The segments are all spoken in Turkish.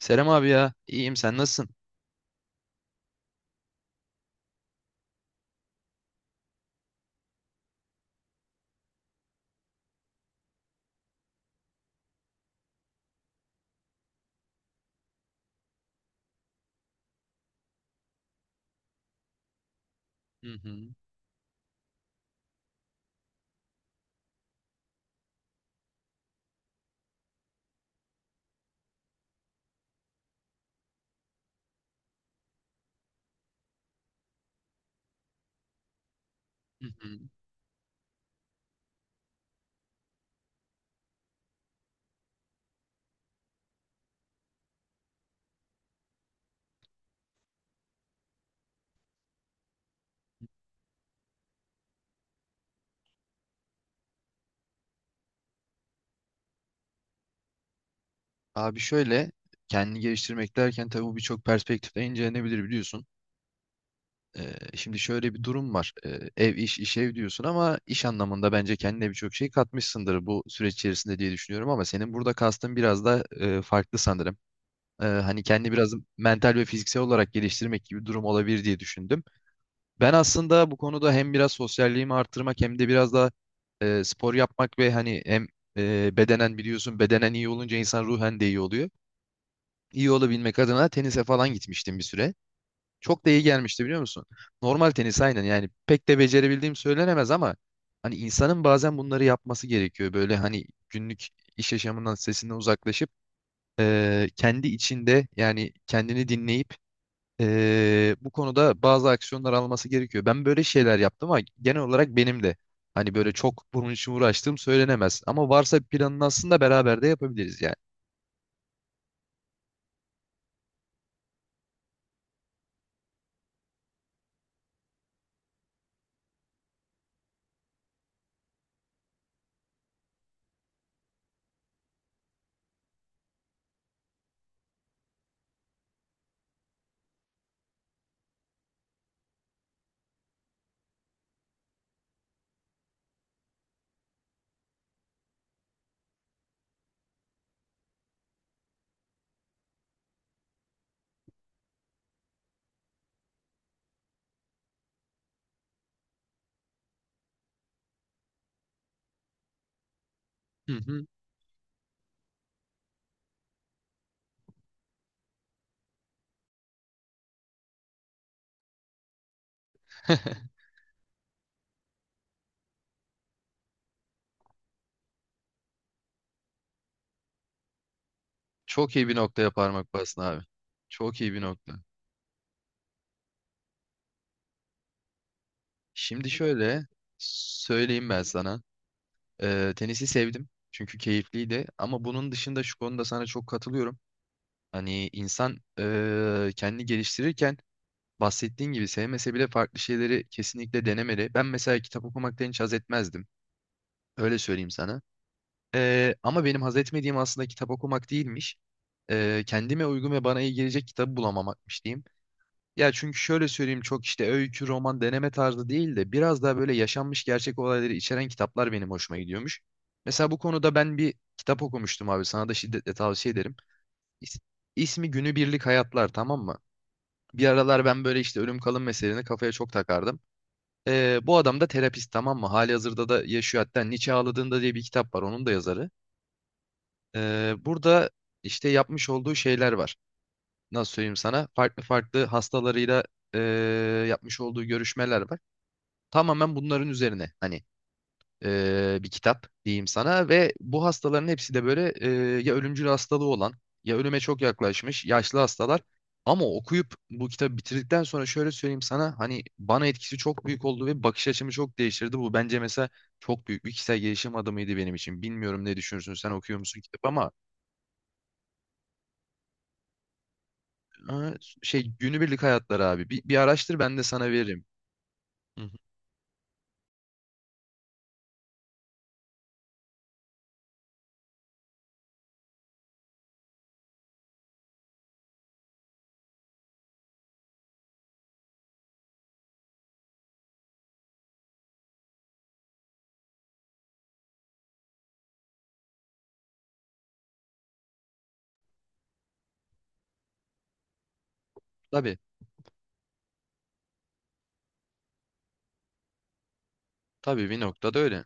Serem abi ya, iyiyim sen nasılsın? Hı hı, hı hı. Abi şöyle, kendini geliştirmek derken tabii bu birçok perspektifle incelenebilir biliyorsun. Şimdi şöyle bir durum var. Ev iş, iş ev diyorsun ama iş anlamında bence kendine birçok şey katmışsındır bu süreç içerisinde diye düşünüyorum ama senin burada kastın biraz da farklı sanırım. Hani kendini biraz mental ve fiziksel olarak geliştirmek gibi bir durum olabilir diye düşündüm. Ben aslında bu konuda hem biraz sosyalliğimi arttırmak hem de biraz da spor yapmak ve hani hem bedenen biliyorsun bedenen iyi olunca insan ruhen de iyi oluyor. İyi olabilmek adına tenise falan gitmiştim bir süre. Çok da iyi gelmişti biliyor musun? Normal tenis aynen yani pek de becerebildiğim söylenemez ama hani insanın bazen bunları yapması gerekiyor. Böyle hani günlük iş yaşamından sesinden uzaklaşıp kendi içinde yani kendini dinleyip bu konuda bazı aksiyonlar alması gerekiyor. Ben böyle şeyler yaptım ama genel olarak benim de hani böyle çok bunun için uğraştığım söylenemez. Ama varsa bir planını aslında beraber de yapabiliriz yani. Hı hı. Çok iyi bir noktaya parmak bastın abi. Çok iyi bir nokta. Şimdi şöyle söyleyeyim ben sana. Tenisi sevdim çünkü keyifliydi ama bunun dışında şu konuda sana çok katılıyorum. Hani insan kendini geliştirirken bahsettiğin gibi sevmese bile farklı şeyleri kesinlikle denemeli. Ben mesela kitap okumaktan hiç haz etmezdim. Öyle söyleyeyim sana. Ama benim haz etmediğim aslında kitap okumak değilmiş. Kendime uygun ve bana iyi gelecek kitabı bulamamakmış diyeyim. Ya çünkü şöyle söyleyeyim çok işte öykü, roman, deneme tarzı değil de biraz daha böyle yaşanmış gerçek olayları içeren kitaplar benim hoşuma gidiyormuş. Mesela bu konuda ben bir kitap okumuştum abi sana da şiddetle tavsiye ederim. İs- İsmi Günübirlik Hayatlar, tamam mı? Bir aralar ben böyle işte ölüm kalım meselelerini kafaya çok takardım. Bu adam da terapist, tamam mı? Hali hazırda da yaşıyor, hatta Nietzsche Ağladığında diye bir kitap var, onun da yazarı. Burada işte yapmış olduğu şeyler var. Nasıl söyleyeyim sana? Farklı farklı hastalarıyla e, yapmış olduğu görüşmeler var. Tamamen bunların üzerine hani bir kitap diyeyim sana ve bu hastaların hepsi de böyle ya ölümcül hastalığı olan ya ölüme çok yaklaşmış yaşlı hastalar. Ama okuyup bu kitabı bitirdikten sonra şöyle söyleyeyim sana, hani bana etkisi çok büyük oldu ve bakış açımı çok değiştirdi. Bu bence mesela çok büyük bir kişisel gelişim adımıydı benim için. Bilmiyorum ne düşünürsün, sen okuyor musun kitap ama ha, şey günübirlik hayatları abi bir araştır, ben de sana veririm. Hı hı. Tabii, tabii bir noktada öyle.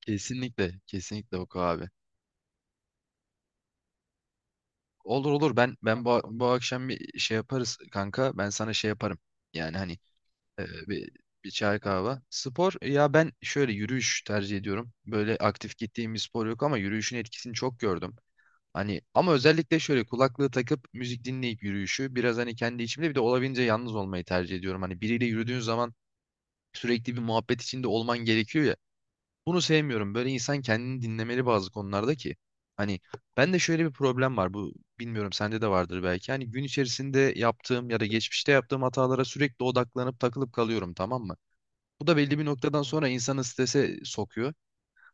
Kesinlikle, kesinlikle oku abi. Olur olur, ben ben bu, tamam, bu akşam bir şey yaparız kanka. Ben sana şey yaparım. Yani hani e, bir, bir çay kahve. Spor ya, ben şöyle yürüyüş tercih ediyorum. Böyle aktif gittiğim bir spor yok ama yürüyüşün etkisini çok gördüm. Hani ama özellikle şöyle kulaklığı takıp müzik dinleyip yürüyüşü biraz hani kendi içimde bir de olabildiğince yalnız olmayı tercih ediyorum. Hani biriyle yürüdüğün zaman sürekli bir muhabbet içinde olman gerekiyor ya. Bunu sevmiyorum. Böyle insan kendini dinlemeli bazı konularda ki. Hani ben de şöyle bir problem var. Bu, bilmiyorum sende de vardır belki. Hani gün içerisinde yaptığım ya da geçmişte yaptığım hatalara sürekli odaklanıp takılıp kalıyorum, tamam mı? Bu da belli bir noktadan sonra insanı strese sokuyor.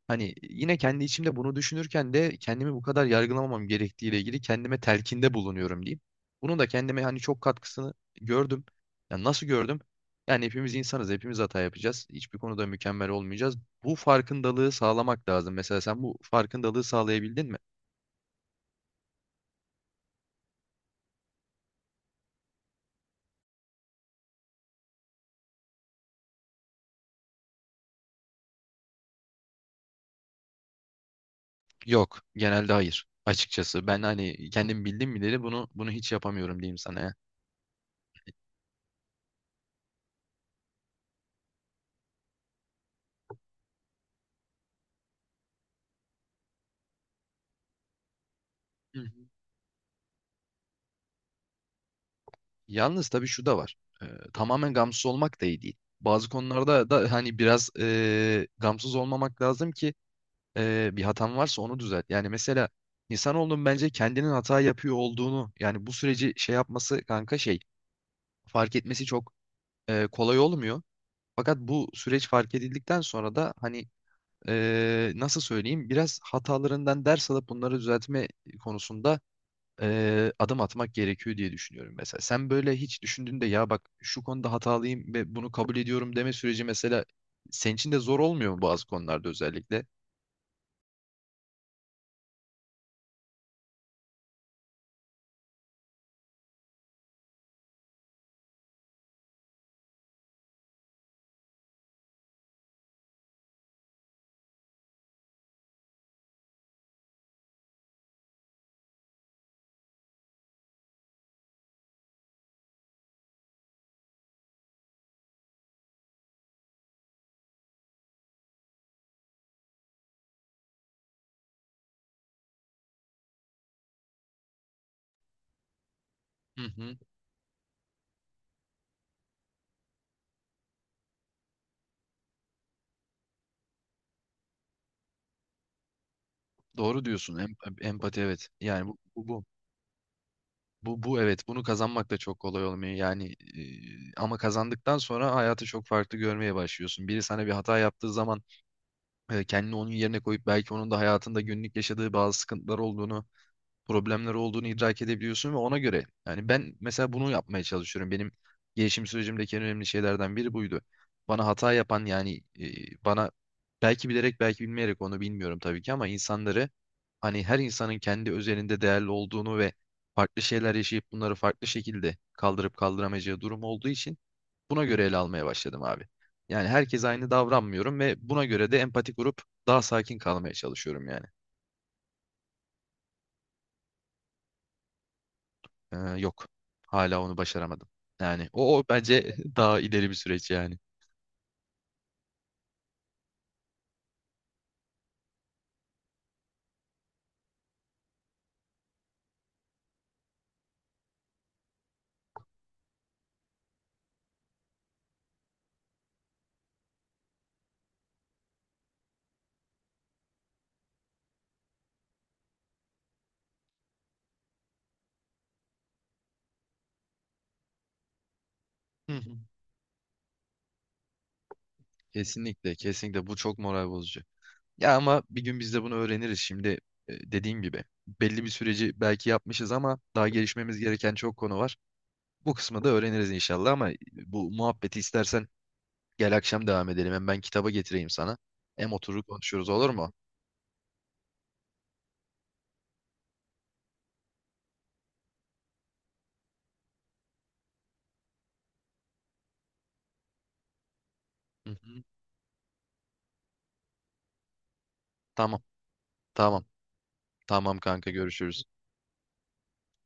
Hani yine kendi içimde bunu düşünürken de kendimi bu kadar yargılamamam gerektiğiyle ilgili kendime telkinde bulunuyorum diyeyim. Bunun da kendime hani çok katkısını gördüm. Ya nasıl gördüm? Yani hepimiz insanız, hepimiz hata yapacağız. Hiçbir konuda mükemmel olmayacağız. Bu farkındalığı sağlamak lazım. Mesela sen bu farkındalığı sağlayabildin mi? Yok, genelde hayır. Açıkçası ben hani kendim bildim bileli bunu hiç yapamıyorum diyeyim sana ya. Hı hı. Yalnız tabii şu da var. Ee, Tamamen gamsız olmak da iyi değil. Bazı konularda da hani biraz gamsız olmamak lazım ki bir hatan varsa onu düzelt. Yani mesela insanoğlunun bence kendinin hata yapıyor olduğunu yani bu süreci şey yapması kanka şey fark etmesi çok kolay olmuyor. Fakat bu süreç fark edildikten sonra da hani nasıl söyleyeyim biraz hatalarından ders alıp bunları düzeltme konusunda adım atmak gerekiyor diye düşünüyorum mesela. Sen böyle hiç düşündüğünde ya bak şu konuda hatalıyım ve bunu kabul ediyorum deme süreci mesela senin için de zor olmuyor mu bazı konularda özellikle? Hı hı. Doğru diyorsun. Empati evet. Yani bu evet bunu kazanmak da çok kolay olmuyor. Yani ama kazandıktan sonra hayatı çok farklı görmeye başlıyorsun. Biri sana bir hata yaptığı zaman kendini onun yerine koyup belki onun da hayatında günlük yaşadığı bazı sıkıntılar olduğunu problemler olduğunu idrak edebiliyorsun ve ona göre yani ben mesela bunu yapmaya çalışıyorum. Benim gelişim sürecimdeki en önemli şeylerden biri buydu. Bana hata yapan yani bana belki bilerek belki bilmeyerek onu bilmiyorum tabii ki ama insanları hani her insanın kendi özelinde değerli olduğunu ve farklı şeyler yaşayıp bunları farklı şekilde kaldırıp kaldıramayacağı durum olduğu için buna göre ele almaya başladım abi. Yani herkes aynı davranmıyorum ve buna göre de empati kurup daha sakin kalmaya çalışıyorum yani. Yok. Hala onu başaramadım. Yani o, o bence daha ileri bir süreç yani. Hı hı. Kesinlikle, kesinlikle bu çok moral bozucu. Ya ama bir gün biz de bunu öğreniriz. Şimdi dediğim gibi belli bir süreci belki yapmışız ama daha gelişmemiz gereken çok konu var. Bu kısmı da öğreniriz inşallah ama bu muhabbeti istersen gel akşam devam edelim. Hem ben kitaba getireyim sana. Hem oturur konuşuruz olur mu? Hı hı. Tamam, tamam. Tamam kanka, görüşürüz.